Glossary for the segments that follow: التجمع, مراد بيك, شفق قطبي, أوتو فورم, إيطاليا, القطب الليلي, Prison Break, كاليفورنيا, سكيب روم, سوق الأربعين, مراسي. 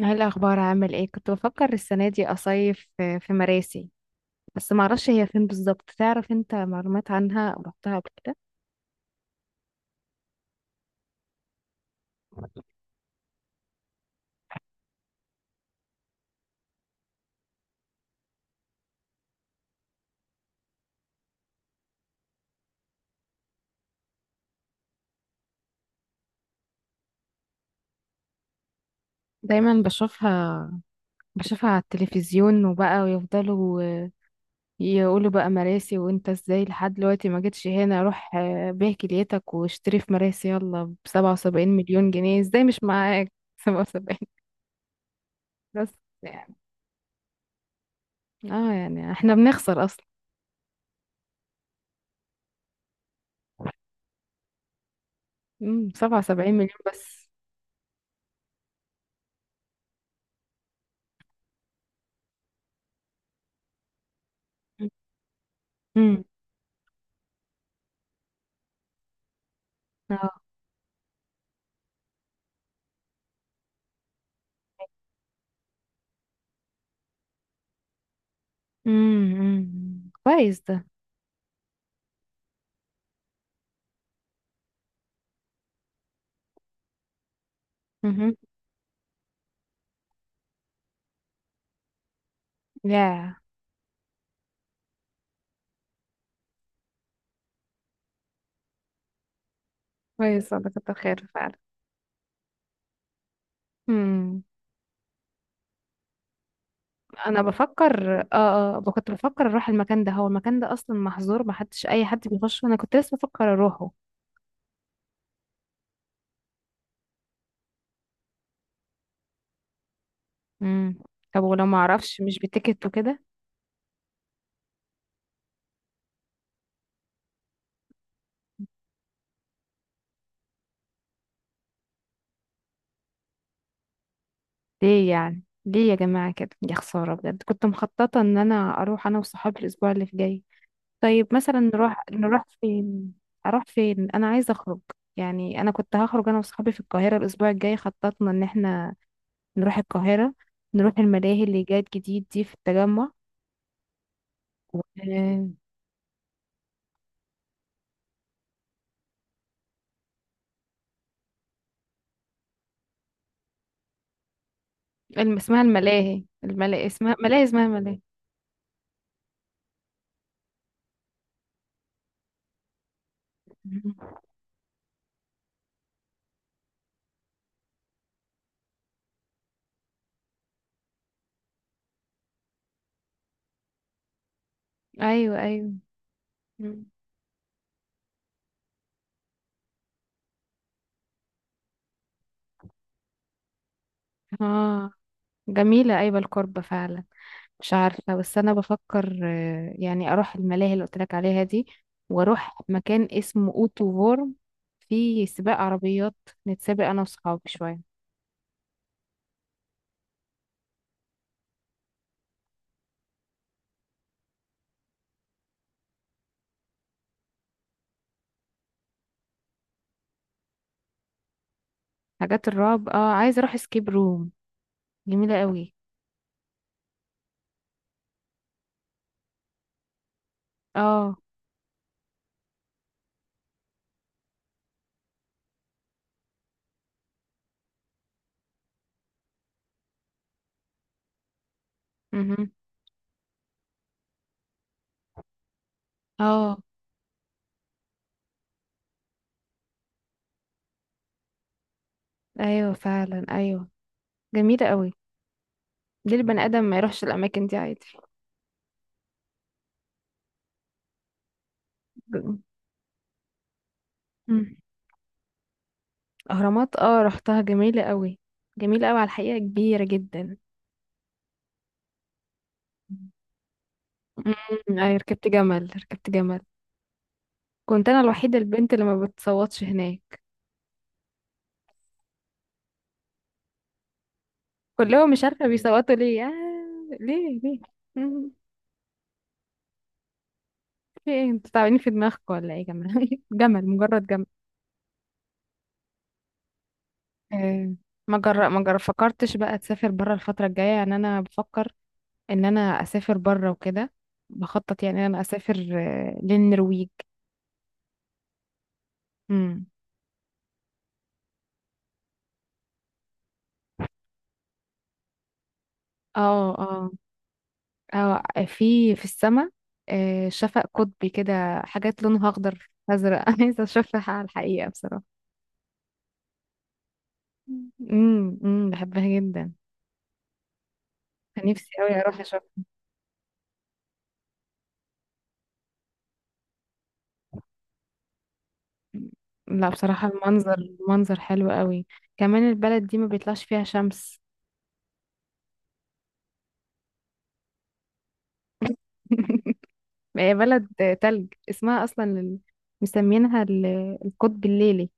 ايه الاخبار؟ عامل ايه؟ كنت بفكر السنه دي اصيف في مراسي، بس ما اعرفش هي فين بالظبط. تعرف انت معلومات عنها او رحتها قبل كده؟ دايما بشوفها على التلفزيون، وبقى ويفضلوا يقولوا بقى مراسي، وانت ازاي لحد دلوقتي ما جيتش هنا. روح بيع كليتك واشتري في مراسي، يلا بـ77 مليون جنيه، ازاي مش معاك؟ سبعة وسبعين بس. يعني اه يعني احنا بنخسر اصلا. مم، سبعة وسبعين مليون بس. مم. آه. امم، أمم. كويس ده. امم، يا كويس والله، كتر خير فعلا. امم، انا بفكر كنت بفكر اروح المكان ده. هو المكان ده اصلا محظور، ما حدش اي حد بيخش. انا كنت لسه بفكر اروحه. امم. طب ولو ما اعرفش، مش بتيكت وكده؟ ليه يعني، ليه يا جماعة كده؟ يا خسارة، بجد كنت مخططة ان انا اروح انا وصحابي الاسبوع اللي جاي. طيب مثلا نروح فين؟ اروح فين؟ انا عايزة اخرج. يعني انا كنت هخرج انا وصحابي في القاهرة الاسبوع الجاي، خططنا ان احنا نروح القاهرة، نروح الملاهي اللي جات جديد دي في التجمع. و... الم... اسمها الملاهي، اسمها ملاهي. مم. ايوه، ايوه. مم. اه، جميلة. أيوة القربة فعلا. مش عارفة، بس أنا بفكر يعني أروح الملاهي اللي قلت لك عليها دي، وأروح مكان اسمه أوتو فورم، فيه سباق عربيات، نتسابق أنا وصحابي شوية. حاجات الرعب، عايزة أروح سكيب روم، جميلة قوي. اه، مهم. اه، أيوة فعلا. أيوة، جميلة قوي. ليه البني آدم ما يروحش الأماكن دي عادي؟ ب- مم. أهرامات، رحتها، جميلة قوي. جميلة قوي على الحقيقة، كبيرة جدا. مم. أي، ركبت جمل، ركبت جمل. كنت أنا الوحيدة البنت اللي ما بتصوتش هناك. كلهم مش عارفة بيصوتوا ليه، ليه ليه. مم. في ايه؟ انتوا تعبانين في دماغكم ولا ايه يا جماعة؟ جمل، مجرد جمل. آه. ما جر... ما جر... فكرتش بقى تسافر برا الفترة الجاية؟ يعني أنا بفكر ان انا اسافر بره وكده، بخطط يعني ان انا اسافر للنرويج. امم. اه اه اه في السماء، شفق قطبي كده، حاجات لونها اخضر ازرق. انا عايزه اشوفها على الحقيقه بصراحه. امم، امم، بحبها جدا. نفسي قوي اروح اشوف. لا بصراحه، المنظر حلو قوي. كمان البلد دي ما بيطلعش فيها شمس. هي بلد تلج، اسمها اصلا مسمينها القطب الليلي.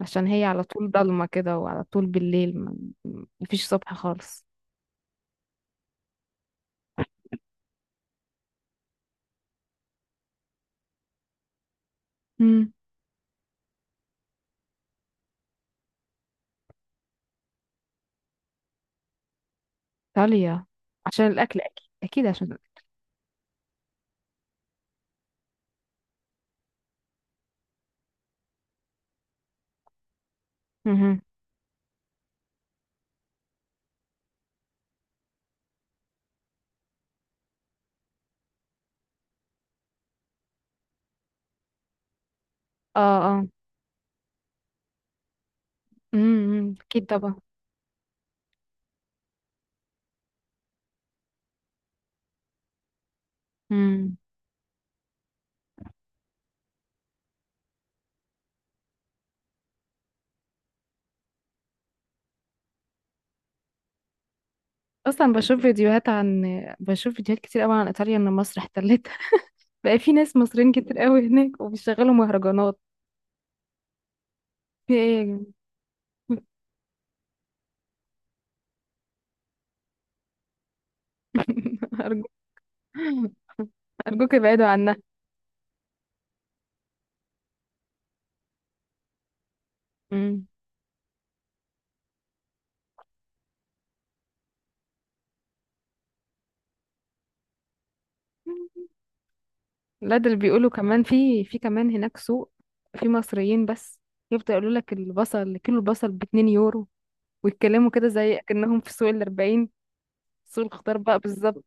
عشان هي على طول ضلمة كده، وعلى طول بالليل مفيش صبح خالص. مم. إيطاليا، عشان الأكل أكيد. أكيد عشان الأكل. مهم. اه، اه، امم، أكيد طبعا. مم. أصلا بشوف فيديوهات كتير قوي عن إيطاليا، إن مصر احتلتها. بقى في ناس مصريين كتير قوي هناك، وبيشغلوا مهرجانات. في إيه يا جماعة؟ أرجو أرجوك ابعدوا عنها. مم. لا ده اللي بيقولوا. كمان في كمان هناك سوق، في مصريين بس، يفضل يقولوا لك البصل، كيلو البصل بـ2 يورو، ويتكلموا كده زي اكنهم في سوق الأربعين، سوق الخضار بقى بالظبط.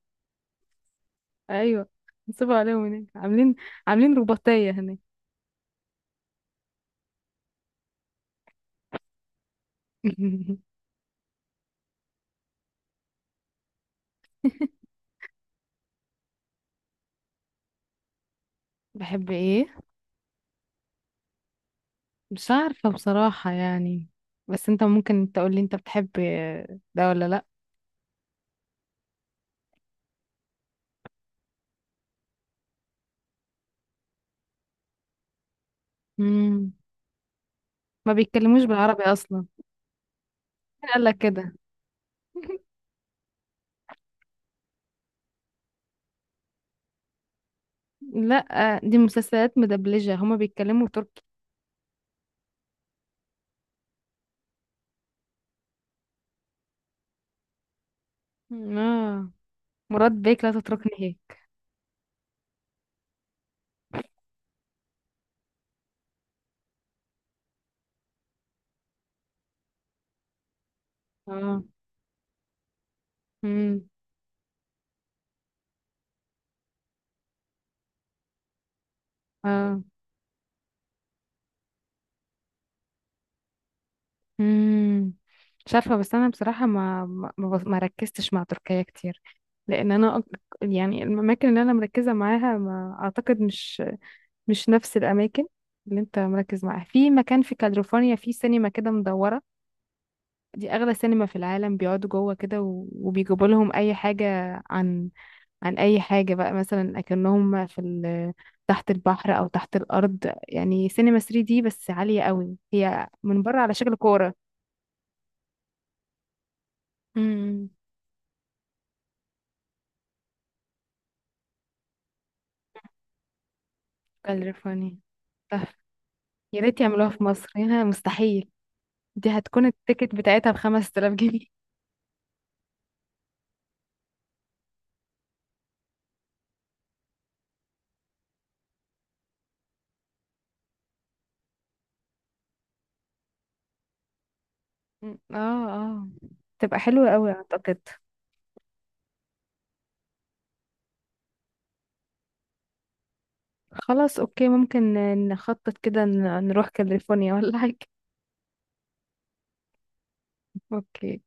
ايوه، نصبوا عليهم هناك، عاملين رباطية هناك. بحب ايه؟ مش عارفة بصراحة، يعني بس انت ممكن تقول لي انت بتحب ده ولا لا؟ مم. ما بيتكلموش بالعربي اصلا؟ مين قال لك كده؟ لا دي مسلسلات مدبلجة، هما بيتكلموا تركي. اه مراد بيك لا تتركني هيك. اه، امم، اه، امم. مش عارفه، بس انا بصراحه ما ركزتش مع تركيا كتير، لان انا يعني الاماكن اللي انا مركزه معاها، ما اعتقد مش نفس الاماكن اللي انت مركز معاها. في مكان في كاليفورنيا، في سينما كده مدوره، دي اغلى سينما في العالم. بيقعدوا جوه كده، وبيجيبوا لهم اي حاجه عن عن اي حاجة بقى، مثلا اكنهم في تحت البحر او تحت الارض، يعني سينما 3D بس عالية قوي، هي من بره على شكل كورة. امم. كاليفورنيا تحفة. يا ريت يعملوها في مصر، هنا مستحيل. دي هتكون التيكت بتاعتها بـ5000 جنيه. مم. اه، اه، تبقى حلوة قوي اعتقد. خلاص، اوكي، ممكن نخطط كده، نروح كاليفورنيا ولا حاجة. اوكي.